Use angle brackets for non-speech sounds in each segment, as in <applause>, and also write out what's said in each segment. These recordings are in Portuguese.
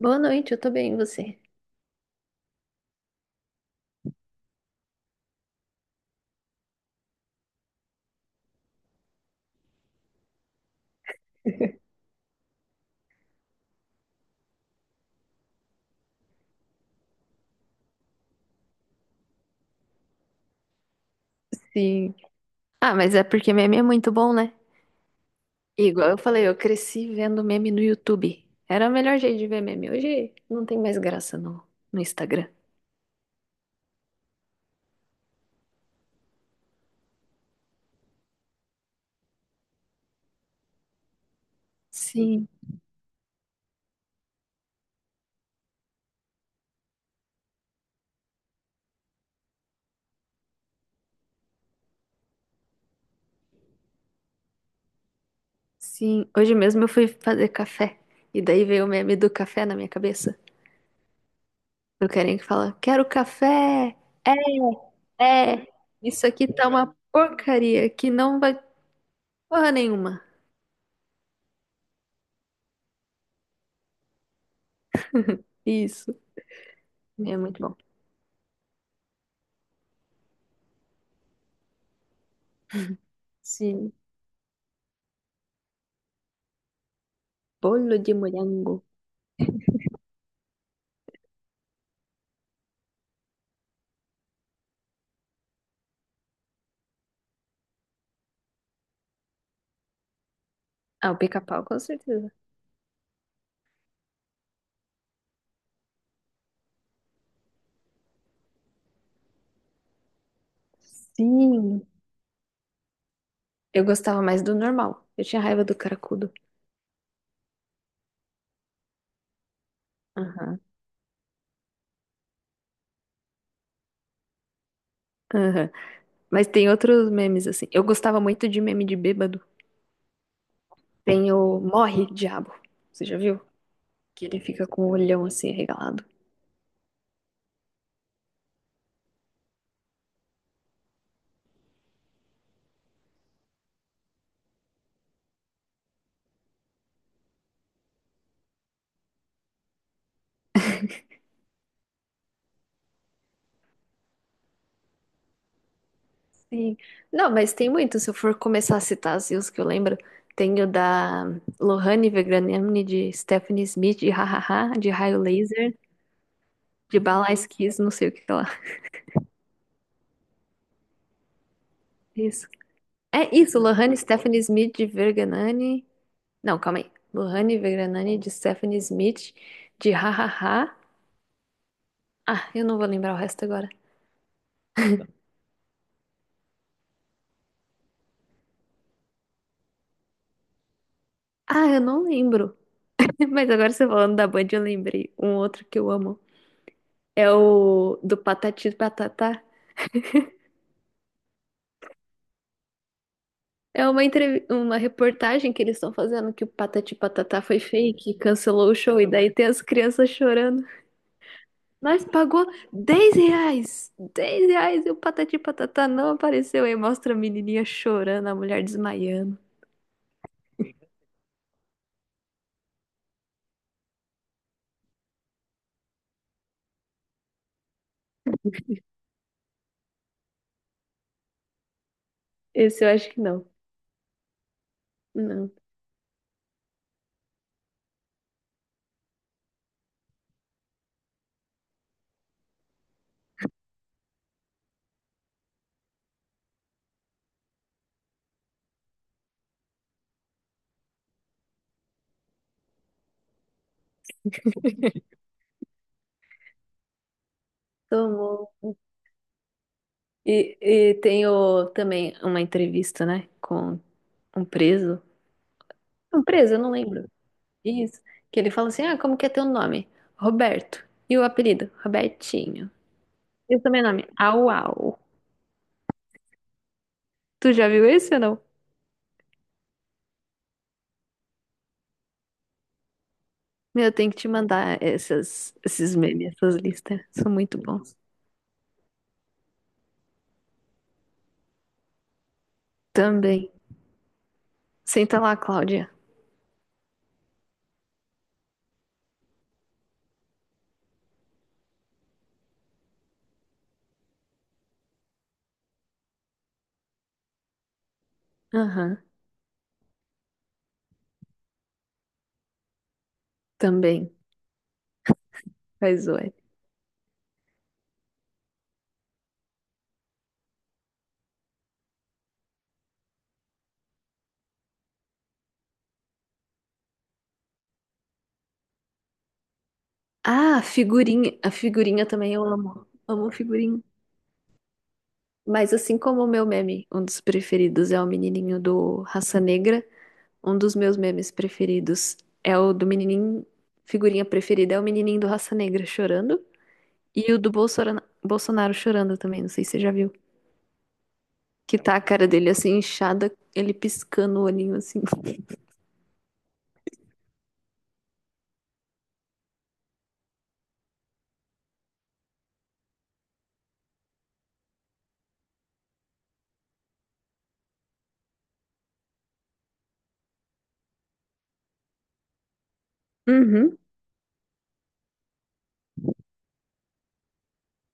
Boa noite, eu tô bem, e você? Sim. Ah, mas é porque meme é muito bom, né? Igual eu falei, eu cresci vendo meme no YouTube. Era o melhor jeito de ver meme. Hoje não tem mais graça no Instagram. Sim, sim. Hoje mesmo eu fui fazer café. E daí veio o meme do café na minha cabeça. Do carinha que fala, quero café! É, é! Isso aqui tá uma porcaria que não vai porra nenhuma. Isso. É muito bom. Sim. Bolo de morango. Ah, o pica-pau, com certeza. Sim, eu gostava mais do normal. Eu tinha raiva do cracudo. Aham. Aham. Mas tem outros memes assim. Eu gostava muito de meme de bêbado. Tem o Morre, Diabo. Você já viu? Que ele fica com o olhão assim arregalado. Sim. Não, mas tem muito. Se eu for começar a citar assim, os que eu lembro, tem o da Lohane Vegraniani, de Stephanie Smith, de Hahaha, de Raio Laser, de Balais Kiss, não sei o que lá. Isso. É isso, Lohane, Stephanie Smith, de Verganani. Não, calma aí. Lohane Vegranani de Stephanie Smith de Hahaha. Ah, eu não vou lembrar o resto agora. Ah, eu não lembro. <laughs> Mas agora você falando da Band, eu lembrei. Um outro que eu amo. É o do Patati e Patatá. É uma, entrev... uma reportagem que eles estão fazendo que o Patati e Patatá foi fake, cancelou o show, e daí tem as crianças chorando. Nós pagou 10 reais! 10 reais e o Patati e Patatá não apareceu. Aí mostra a menininha chorando, a mulher desmaiando. <laughs> Esse eu acho que não. Não, tomou. E, e tem o- também uma entrevista, né, com um preso. Um preso, eu não lembro. Isso. Que ele fala assim: Ah, como que é teu nome? Roberto. E o apelido? Robertinho. E o sobrenome? Au Au. Tu já viu esse ou não? Meu, eu tenho que te mandar essas, esses memes, essas listas. São muito bons. Também. Senta lá, Cláudia. Aham, também. Faz o. Ah, figurinha. A figurinha também eu amo. Amo figurinha. Mas assim como o meu meme, um dos preferidos é o menininho do Raça Negra, um dos meus memes preferidos é o do menininho, figurinha preferida é o menininho do Raça Negra chorando e o do Bolsora- Bolsonaro chorando também, não sei se você já viu, que tá a cara dele assim inchada, ele piscando o olhinho assim. Uhum.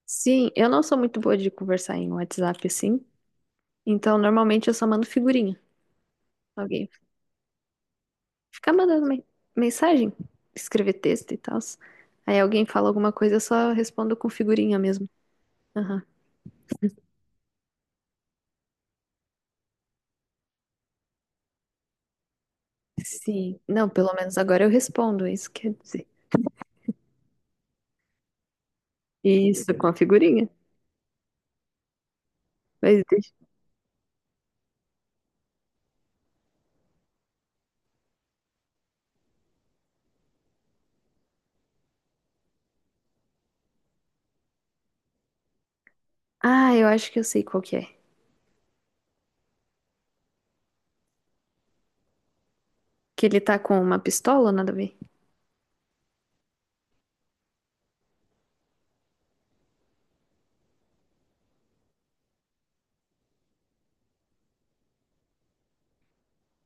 Sim, eu não sou muito boa de conversar em WhatsApp assim, então normalmente eu só mando figurinha. Ok. Ficar mandando men- mensagem, escrever texto e tal. Aí alguém fala alguma coisa, eu só respondo com figurinha mesmo. Aham. Sim. Não, pelo menos agora eu respondo, é isso quer dizer. Isso, com a figurinha. Mas deixa. Ah, eu acho que eu sei qual que é. Que ele tá com uma pistola, nada a ver.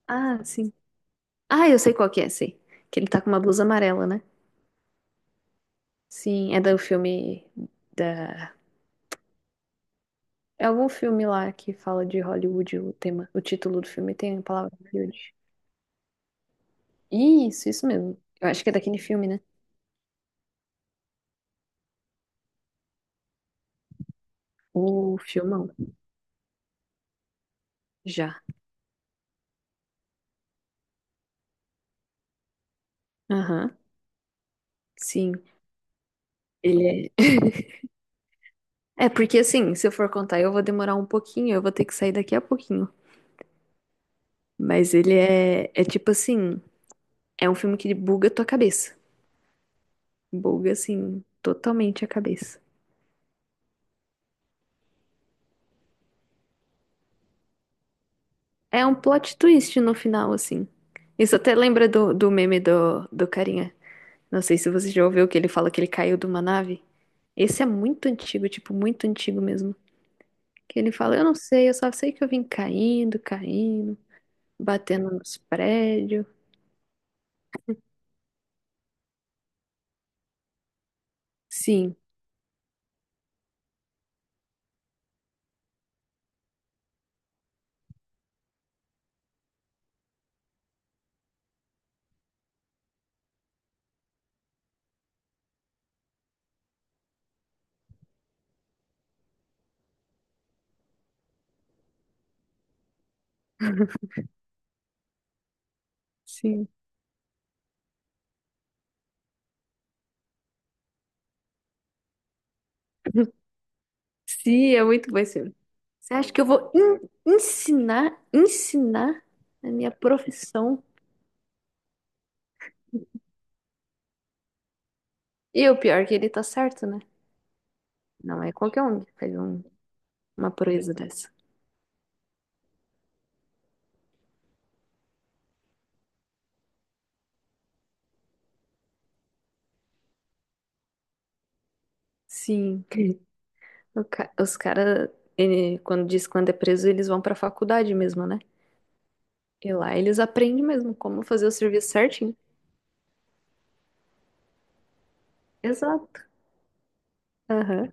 Ah, sim. Ah, eu sei qual que é, sei. Que ele tá com uma blusa amarela, né? Sim, é do filme da... É algum filme lá que fala de Hollywood, o tema, o título do filme tem a palavra Hollywood. Isso mesmo. Eu acho que é daquele filme, né? O filmão. Já. Aham. Sim. Ele é. <laughs> É, porque assim, se eu for contar, eu vou demorar um pouquinho, eu vou ter que sair daqui a pouquinho. Mas ele é. É tipo assim. É um filme que ele buga a tua cabeça. Buga, assim, totalmente a cabeça. É um plot twist no final, assim. Isso até lembra do meme do carinha. Não sei se você já ouviu que ele fala que ele caiu de uma nave. Esse é muito antigo, tipo, muito antigo mesmo. Que ele fala, eu não sei, eu só sei que eu vim caindo, caindo, batendo nos prédios. Sim, sim. <laughs> Sim, é muito bom esse filme. Você acha que eu vou en- ensinar a minha profissão? E o pior é que ele tá certo, né? Não é qualquer um que faz um- uma proeza dessa. Sim. <laughs> O ca- os caras, quando diz quando é preso, eles vão pra faculdade mesmo, né? E lá eles aprendem mesmo como fazer o serviço certinho. Exato. Aham.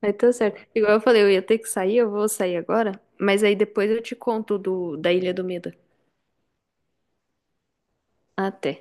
Vai tudo certo. Igual eu falei, eu ia ter que sair, eu vou sair agora, mas aí depois eu te conto do, da Ilha do Medo. Até.